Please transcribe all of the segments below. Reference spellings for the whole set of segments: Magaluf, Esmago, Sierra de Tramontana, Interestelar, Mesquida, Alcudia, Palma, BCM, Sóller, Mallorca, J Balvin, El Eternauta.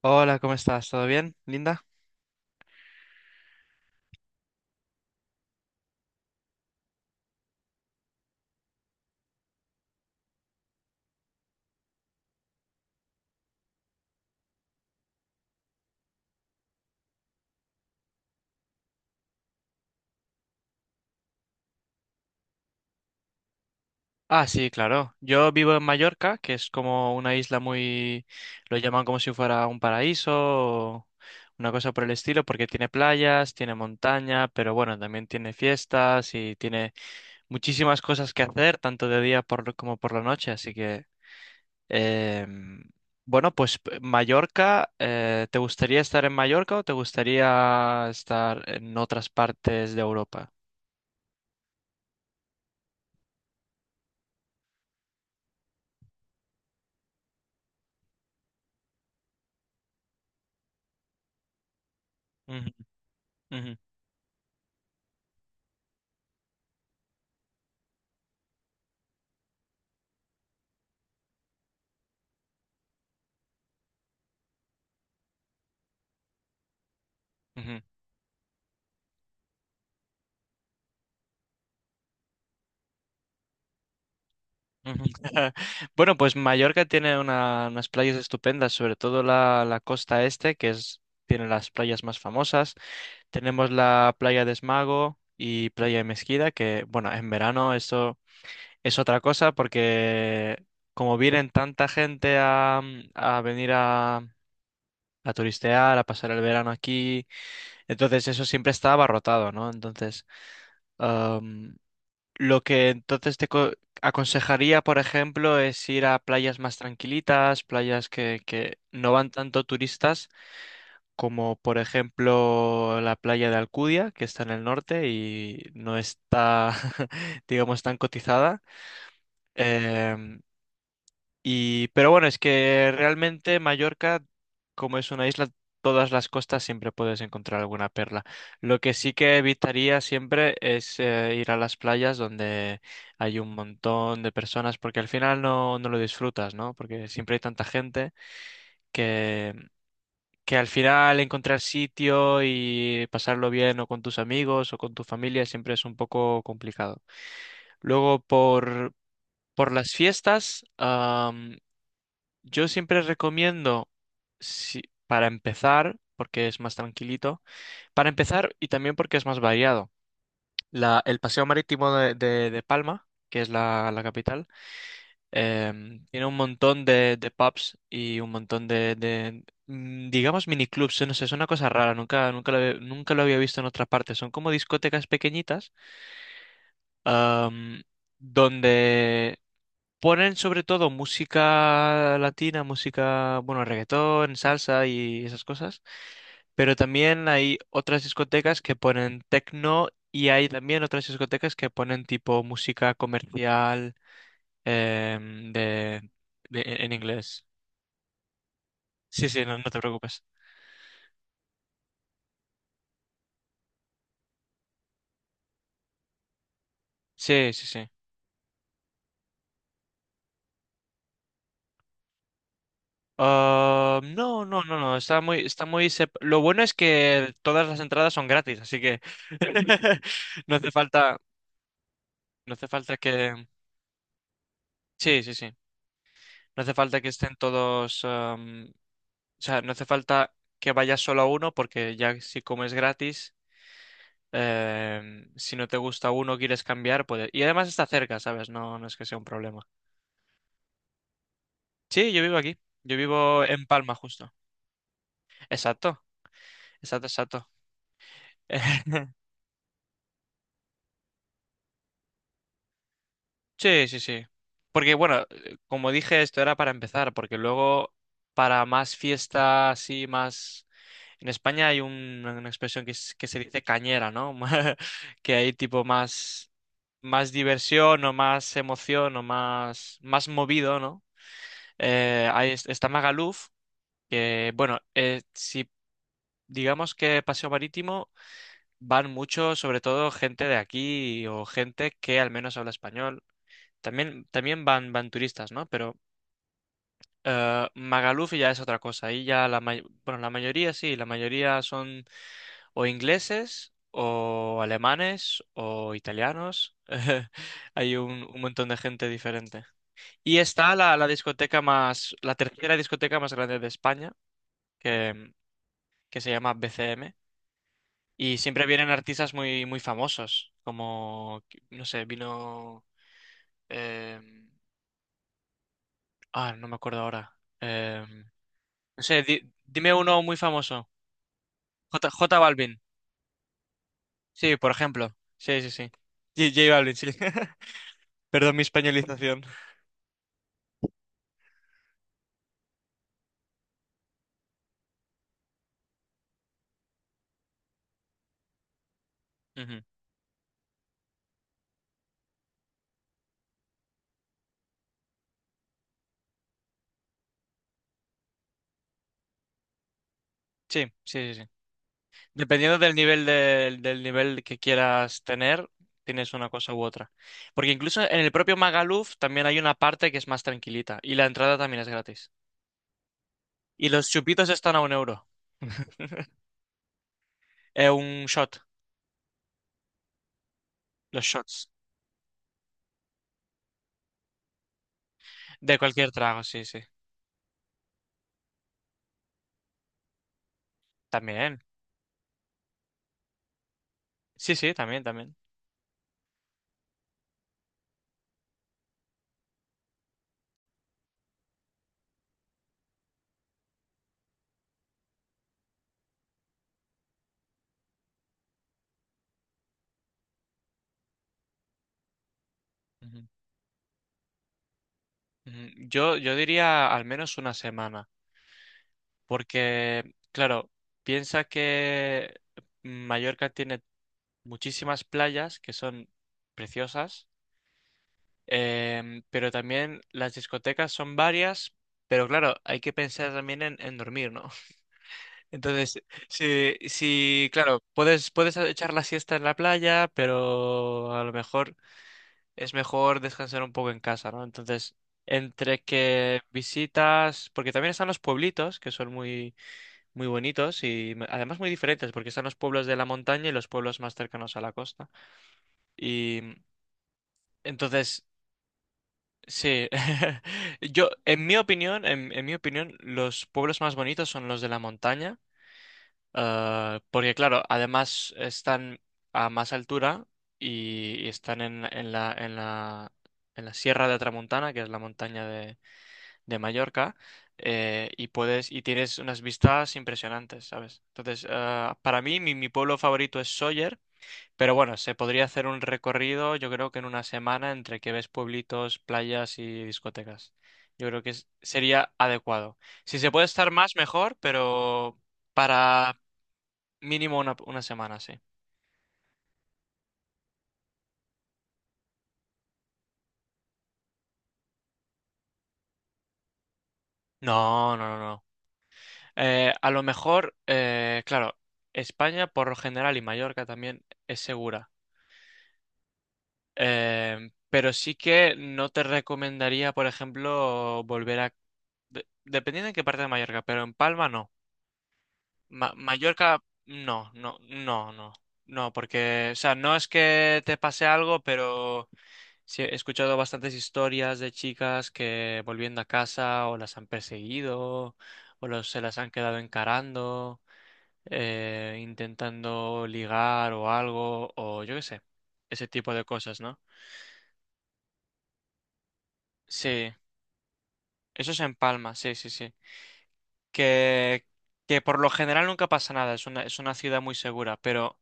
Hola, ¿cómo estás? ¿Todo bien, Linda? Ah, sí, claro. Yo vivo en Mallorca, que es como una isla muy. Lo llaman como si fuera un paraíso o una cosa por el estilo, porque tiene playas, tiene montaña, pero bueno, también tiene fiestas y tiene muchísimas cosas que hacer, tanto de día como por la noche. Así que, em, bueno, pues Mallorca, ¿te gustaría estar en Mallorca o te gustaría estar en otras partes de Europa? Ujú, ujú, ujú. Ujú. Bueno, pues Mallorca tiene unas playas estupendas, sobre todo la costa este, tiene las playas más famosas. Tenemos la playa de Esmago y playa de Mesquida, que bueno, en verano eso es otra cosa porque como vienen tanta gente a venir a turistear, a pasar el verano aquí, entonces eso siempre está abarrotado, ¿no? Entonces. Lo que entonces te aconsejaría, por ejemplo, es ir a playas más tranquilitas, playas que no van tanto turistas, como por ejemplo la playa de Alcudia, que está en el norte y no está, digamos, tan cotizada. Em, y, pero bueno, es que realmente Mallorca, como es una isla, todas las costas siempre puedes encontrar alguna perla. Lo que sí que evitaría siempre es ir a las playas donde hay un montón de personas, porque al final no lo disfrutas, ¿no? Porque siempre hay tanta gente que, que al final encontrar sitio y pasarlo bien o con tus amigos o con tu familia siempre es un poco complicado. Luego, por las fiestas. Yo siempre recomiendo, para empezar, porque es más tranquilito, para empezar y también porque es más variado. El paseo marítimo de Palma, que es la capital, tiene un montón de pubs y un montón de digamos, miniclubs. No sé, es una cosa rara, nunca lo había visto en otra parte. Son como discotecas pequeñitas, am, donde ponen sobre todo música latina, música, bueno, reggaetón, salsa y esas cosas, pero también hay otras discotecas que ponen techno y hay también otras discotecas que ponen tipo música comercial em, de, en inglés. Sí, sí, no, no te preocupes. Sí, sí, sí. Ah, no, no, no, no, lo bueno es que todas las entradas son gratis, así que no hace falta, no hace falta. Sí, sí, sí. No hace falta que estén todos, o sea, no hace falta que vayas solo a uno porque ya si comes gratis, si no te gusta uno, quieres cambiar, puedes. Y además está cerca, ¿sabes? No, no es que sea un problema. Sí, yo vivo aquí. Yo vivo en Palma, justo. Exacto, exacto, exacto. Sí, sí, sí. Porque bueno, como dije, esto era para empezar, porque luego para más fiestas así, más. En España hay una expresión que se dice cañera, ¿no? Que hay tipo más, más diversión o más emoción o más movido, ¿no? Ahí está Magaluf, que bueno, si digamos que Paseo Marítimo van mucho, sobre todo gente de aquí o gente que al menos habla español. También van, turistas, ¿no? Pero Magaluf ya es otra cosa. Ahí ya bueno, la mayoría sí, la mayoría son o ingleses o alemanes o italianos. Hay un montón de gente diferente. Y está la discoteca la tercera discoteca más grande de España, que, que se llama BCM. Y siempre vienen artistas muy, muy famosos, como, no sé, vino. em, ah, no me acuerdo ahora. No sé, dime uno muy famoso. J Balvin. Sí, por ejemplo. Sí, sí, sí. J Balvin, sí. Perdón mi españolización. Ujú. Sí, sí, sí, sí. Dependiendo del nivel que quieras tener, tienes una cosa u otra. Porque incluso en el propio Magaluf también hay una parte que es más tranquilita y la entrada también es gratis. Y los chupitos están a un euro. Un shot, los shots. De cualquier trago, sí, sí. También. Sí, sí, también, también. Ujú, ujú. Yo diría al menos una semana, porque, claro, piensa que Mallorca tiene muchísimas playas que son preciosas, pero también las discotecas son varias, pero claro, hay que pensar también en dormir, ¿no? Entonces, sí, sí, claro, puedes echar la siesta en la playa, pero a lo mejor es mejor descansar un poco en casa, ¿no? Entonces, entre que visitas, porque también están los pueblitos, que son muy, muy bonitos y además muy diferentes, porque están los pueblos de la montaña y los pueblos más cercanos a la costa. Y entonces, sí, yo, en mi opinión, los pueblos más bonitos son los de la montaña. Porque claro, además están a más altura y están en la Sierra de Tramontana, que es la montaña de Mallorca, y puedes, y tienes unas vistas impresionantes, ¿sabes? Entonces, para mí, mi pueblo favorito es Sóller, pero bueno, se podría hacer un recorrido, yo creo que en una semana, entre que ves pueblitos, playas y discotecas. Yo creo que sería adecuado. Si se puede estar más, mejor, pero. Para mínimo una semana, sí. No, no, no, no. A lo mejor, claro, España por lo general y Mallorca también es segura. Pero sí que no te recomendaría, por ejemplo, volver a. Dependiendo en qué parte de Mallorca, pero en Palma no. Mallorca no, no, no, no. No, porque, o sea, no es que te pase algo, pero. Sí, he escuchado bastantes historias de chicas que volviendo a casa o las han perseguido o se las han quedado encarando, intentando ligar o algo, o yo qué sé, ese tipo de cosas, ¿no? Sí, eso es en Palma, sí, sí, sí. Que, que por lo general nunca pasa nada, es una ciudad muy segura, pero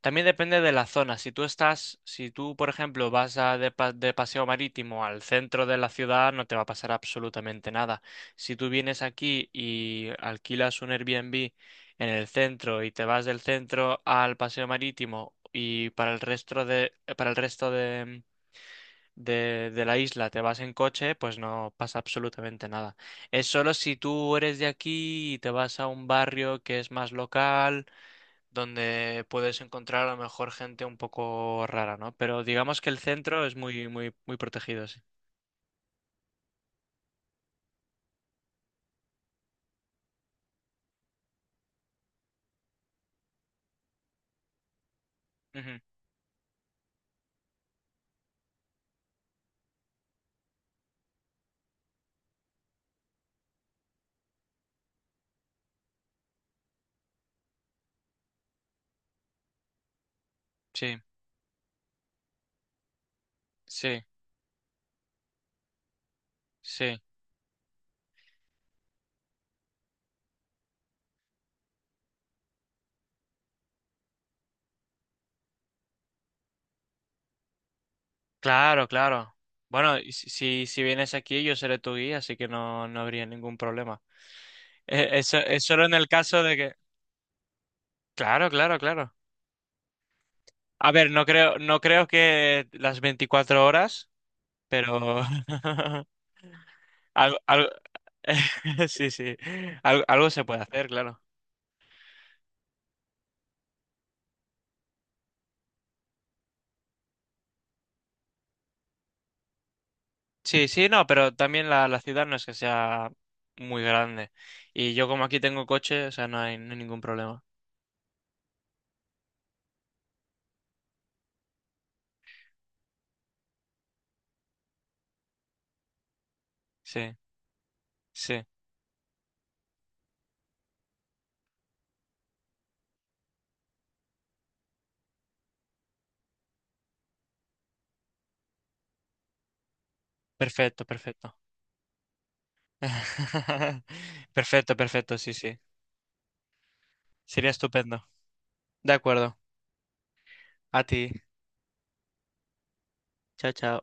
también depende de la zona. Si tú, por ejemplo, vas de paseo marítimo al centro de la ciudad, no te va a pasar absolutamente nada. Si tú vienes aquí y alquilas un Airbnb en el centro y te vas del centro al paseo marítimo y para el resto de, para el resto de la isla te vas en coche, pues no pasa absolutamente nada. Es solo si tú eres de aquí y te vas a un barrio que es más local donde puedes encontrar a lo mejor gente un poco rara, ¿no? Pero digamos que el centro es muy, muy, muy protegido, sí. Ujú, sí, sí, sí. Claro, claro. Bueno, y si vienes aquí, yo seré tu guía, así que no habría ningún problema. Eso es solo en el caso de que. Claro, claro, claro. A ver, no creo que las 24 horas, pero algo. sí, sí, algo se puede hacer, claro. Sí, sí, no, pero también la ciudad no es que sea muy grande. Y yo como aquí tengo coche, o sea, no, hay, no hay ningún problema. Sí, sí. Perfecto, perfecto. Perfecto, perfecto, sí, sí. Sería estupendo. De acuerdo. A ti. Chao, chao.